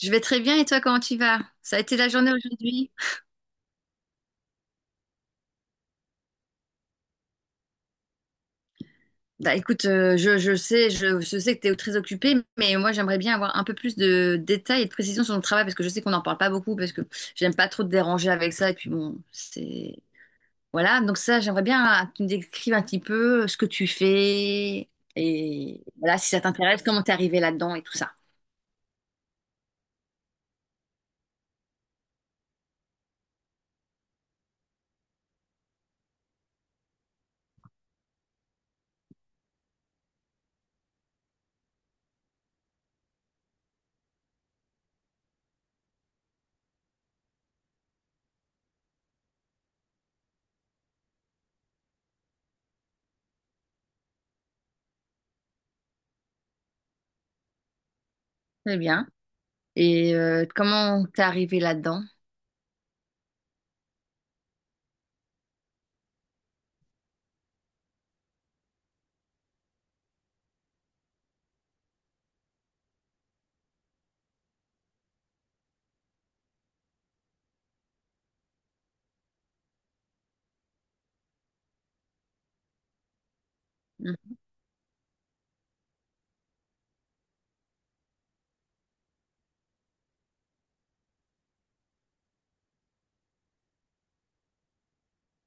Je vais très bien et toi, comment tu vas? Ça a été la journée aujourd'hui? Bah écoute, je sais, je sais que tu es très occupé, mais moi j'aimerais bien avoir un peu plus de détails et de précisions sur ton travail parce que je sais qu'on n'en parle pas beaucoup parce que j'aime pas trop te déranger avec ça et puis bon, c'est... Voilà, donc ça, j'aimerais bien que tu me décrives un petit peu ce que tu fais et voilà, si ça t'intéresse, comment t'es arrivé là-dedans et tout ça. Très bien. Et comment t'es arrivé là-dedans?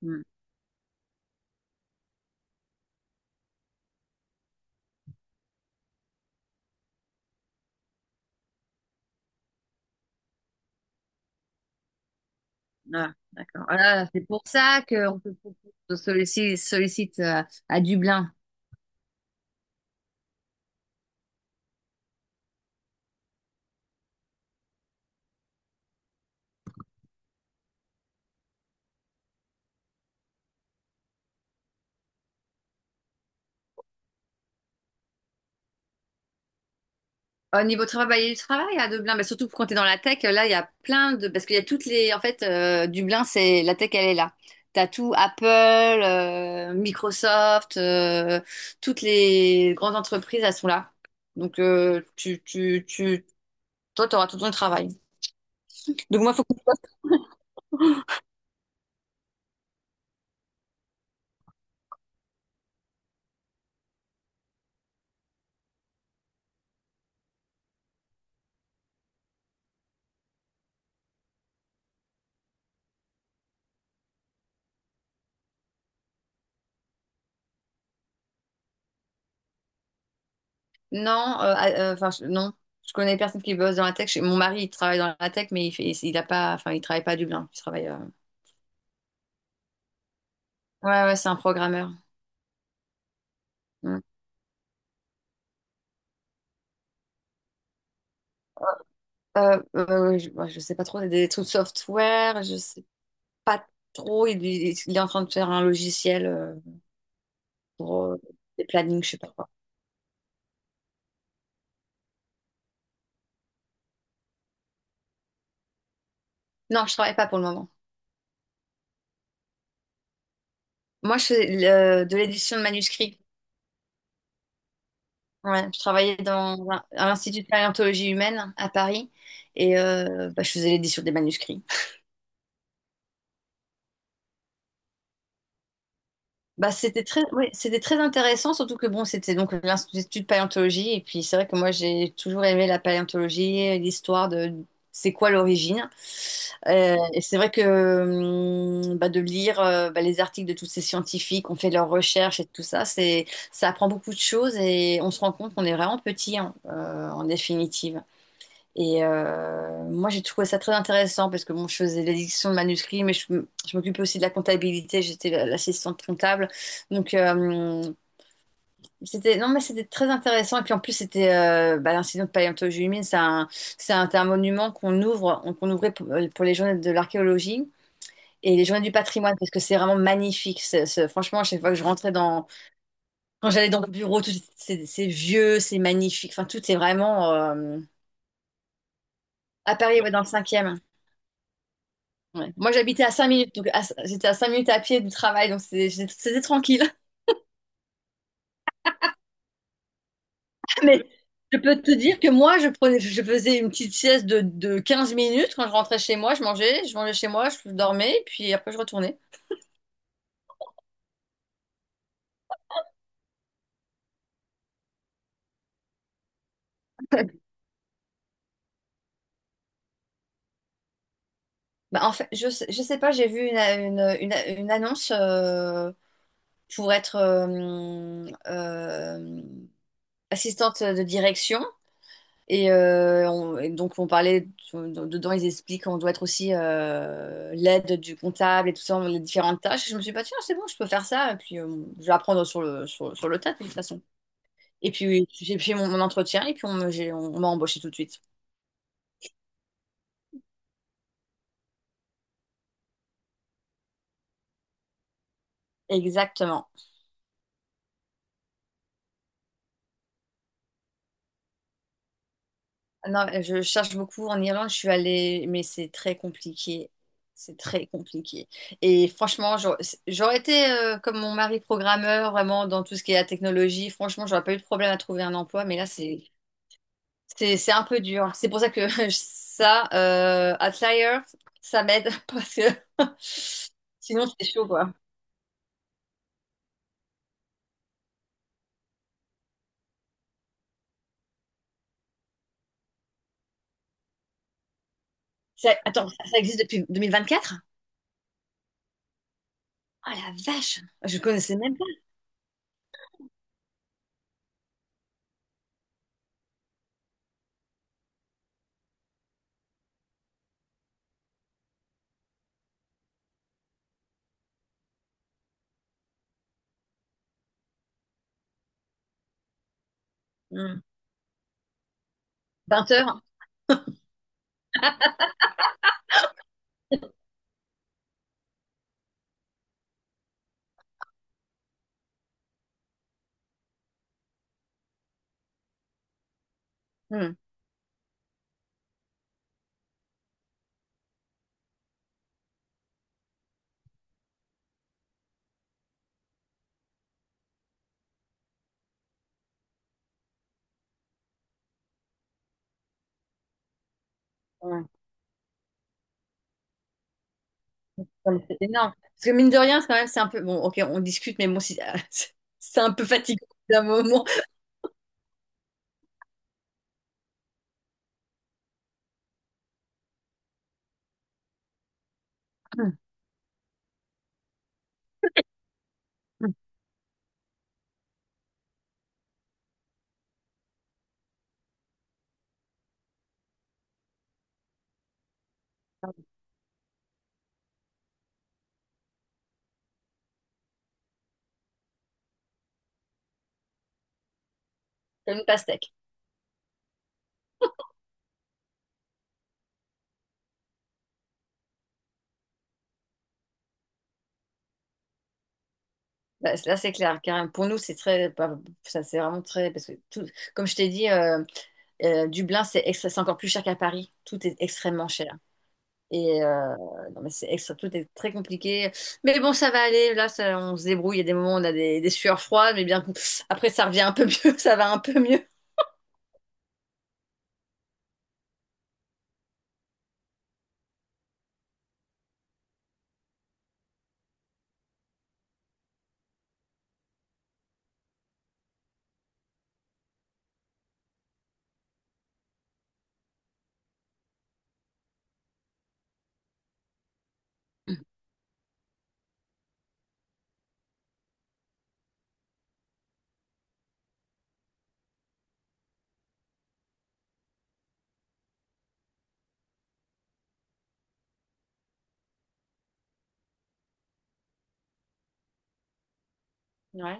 Mmh. Ah, d'accord. Ah là, c'est pour ça qu'on te propose de sollicite, sollicite à Dublin. Au niveau travail, bah, il y a du travail à Dublin, mais surtout quand tu es dans la tech, là, il y a plein de... Parce qu'il y a toutes les... En fait, Dublin, c'est... La tech, elle est là. Tu as tout Apple, Microsoft, toutes les grandes entreprises, elles sont là. Donc, tu... toi, tu auras tout ton travail. Donc, moi, faut Non, ah, enfin je- non, je connais personne qui bosse dans la tech. Chez- Mon mari, il travaille dans la tech, mais il fait, il a pas, enfin il travaille pas à Dublin. Il travaille. Ouais, ouais, c'est un programmeur. Mm. Je, ouais, je sais pas trop, c'est des trucs software. Je sais pas trop. Il est en train de faire un logiciel pour des plannings, je sais pas quoi. Non, je travaille pas pour le moment. Moi, je fais le- de l'édition de manuscrits. Ouais, je travaillais dans un- à l'Institut de paléontologie humaine à Paris et bah, je faisais l'édition des manuscrits. Bah, c'était très, ouais, c'était très intéressant, surtout que bon, c'était donc l'Institut de paléontologie. Et puis, c'est vrai que moi, j'ai toujours aimé la paléontologie, l'histoire de c'est quoi l'origine. Et c'est vrai que bah, de lire bah, les articles de tous ces scientifiques qui ont fait leurs recherches et tout ça, c'est, ça apprend beaucoup de choses et on se rend compte qu'on est vraiment petit hein, en définitive. Et moi, j'ai trouvé ça très intéressant parce que bon, je faisais l'édition de manuscrits, mais je m'occupais aussi de la comptabilité. J'étais la- l'assistante comptable. Donc, c'était, non, mais c'était très intéressant. Et puis en plus, c'était bah, l'incident de Paléontogémine. C'est un monument qu'on ouvre, qu'on ouvrait pour les journées de l'archéologie. Et les journées du patrimoine, parce que c'est vraiment magnifique. C'est- franchement, à chaque fois que je rentrais dans, quand j'allais dans le bureau, tout, c'est vieux, c'est magnifique. Enfin, tout est vraiment à Paris, ouais, dans le cinquième. Ouais. Moi, j'habitais à 5 minutes, donc à- j'étais à 5 minutes à pied du travail, donc c'est- j'ai- c'était tranquille. Mais je peux te dire que moi, je prenais, je faisais une petite sieste de 15 minutes quand je rentrais chez moi, je mangeais chez moi, je dormais, puis après je retournais. Bah, en fait, je sais pas, j'ai vu une annonce pour être assistante de direction Et, on- et donc, on parlait, dedans, ils expliquent qu'on doit être aussi l'aide du comptable et tout ça, les différentes tâches. Et je me suis pas dit, bah, tiens, c'est bon, je peux faire ça. Et puis, je vais apprendre sur le, sur, sur le tas, de toute façon. Et puis, j'ai fait mon entretien et puis, on, me- j'ai- on m'a embauché tout de suite. Exactement. Non, je cherche beaucoup en Irlande, je suis allée, mais c'est très compliqué. C'est très compliqué. Et franchement, j'aurais été comme mon mari programmeur, vraiment dans tout ce qui est la technologie. Franchement, j'aurais pas eu de problème à trouver un emploi, mais là, c'est un peu dur. C'est pour ça que ça, Outlier, ça m'aide parce que sinon c'est chaud quoi. Ça- attends, ça existe depuis deux mille vingt-quatre Oh la vache, je connaissais même pas. Hmm. 20 heures. Hmm. Ouais. Non, mais C'est énorme. Parce que mine de rien, c'est quand même, c'est un peu. Bon, ok, on discute, mais bon, si- c'est un peu fatigant d'un moment. Hmm. Hmm. Comme une pastèque. Bah, Là, c'est clair. Car pour nous, c'est très. Bah, Ça, c'est vraiment très. Parce que tout, comme je t'ai dit. Dublin, c'est extra- c'est encore plus cher qu'à Paris. Tout est extrêmement cher. Et non, mais c'est extra- tout est très compliqué. Mais bon, ça va aller. Là, ça- on se débrouille. Il y a des moments où on a des sueurs froides, mais bien après, ça revient un peu mieux. Ça va un peu mieux. Ouais.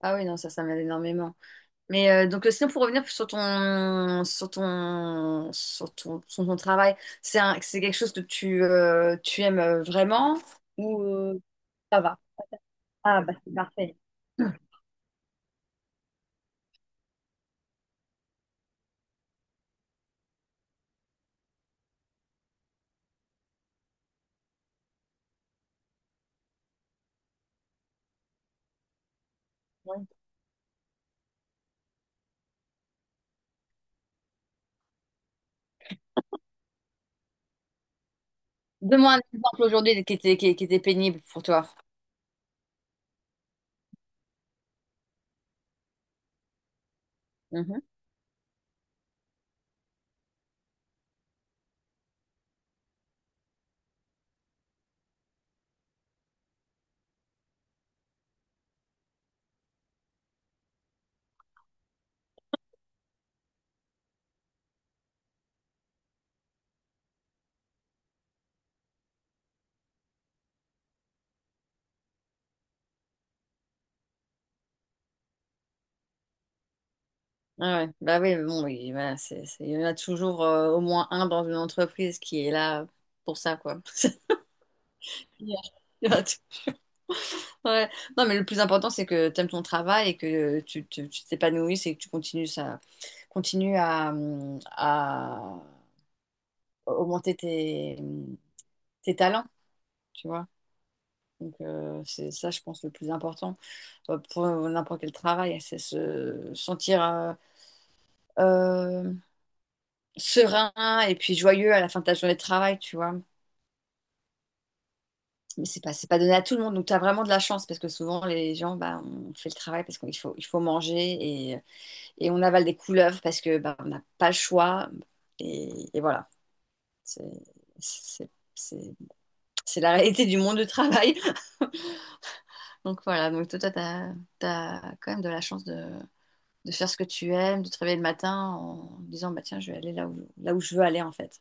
Ah oui, non, ça m'aide énormément. Mais donc, sinon, pour revenir sur ton travail, c'est un, c'est quelque chose que tu, tu aimes vraiment ou ça va? Ah, bah, c'est parfait. Donne-moi un exemple aujourd'hui qui était, qui était pénible pour toi. Mhm. Ah ouais. Bah oui, mais bon, oui, voilà, c'est- il y en a toujours au moins un dans une entreprise qui est là pour ça, quoi. Yeah. Ouais. Non, mais le plus important, c'est que tu aimes ton travail et que tu t'épanouisses et que tu continues, ça, continues à augmenter tes, tes talents, tu vois. Donc, c'est ça, je pense, le plus important pour n'importe quel travail, c'est se sentir euh, serein et puis joyeux à la fin de ta journée de travail, tu vois. Mais c'est pas donné à tout le monde. Donc, tu as vraiment de la chance parce que souvent, les gens, bah, on fait le travail parce qu'il faut, il faut manger et, et on avale des couleuvres parce que bah, on n'a pas le choix. Et voilà, c'est c'est- c'est- c'est la réalité du monde du travail. Donc, voilà. Donc, toi, tu as, quand même de la chance de faire ce que tu aimes, de te réveiller le matin en disant, bah, tiens, je vais aller là où je veux aller en fait.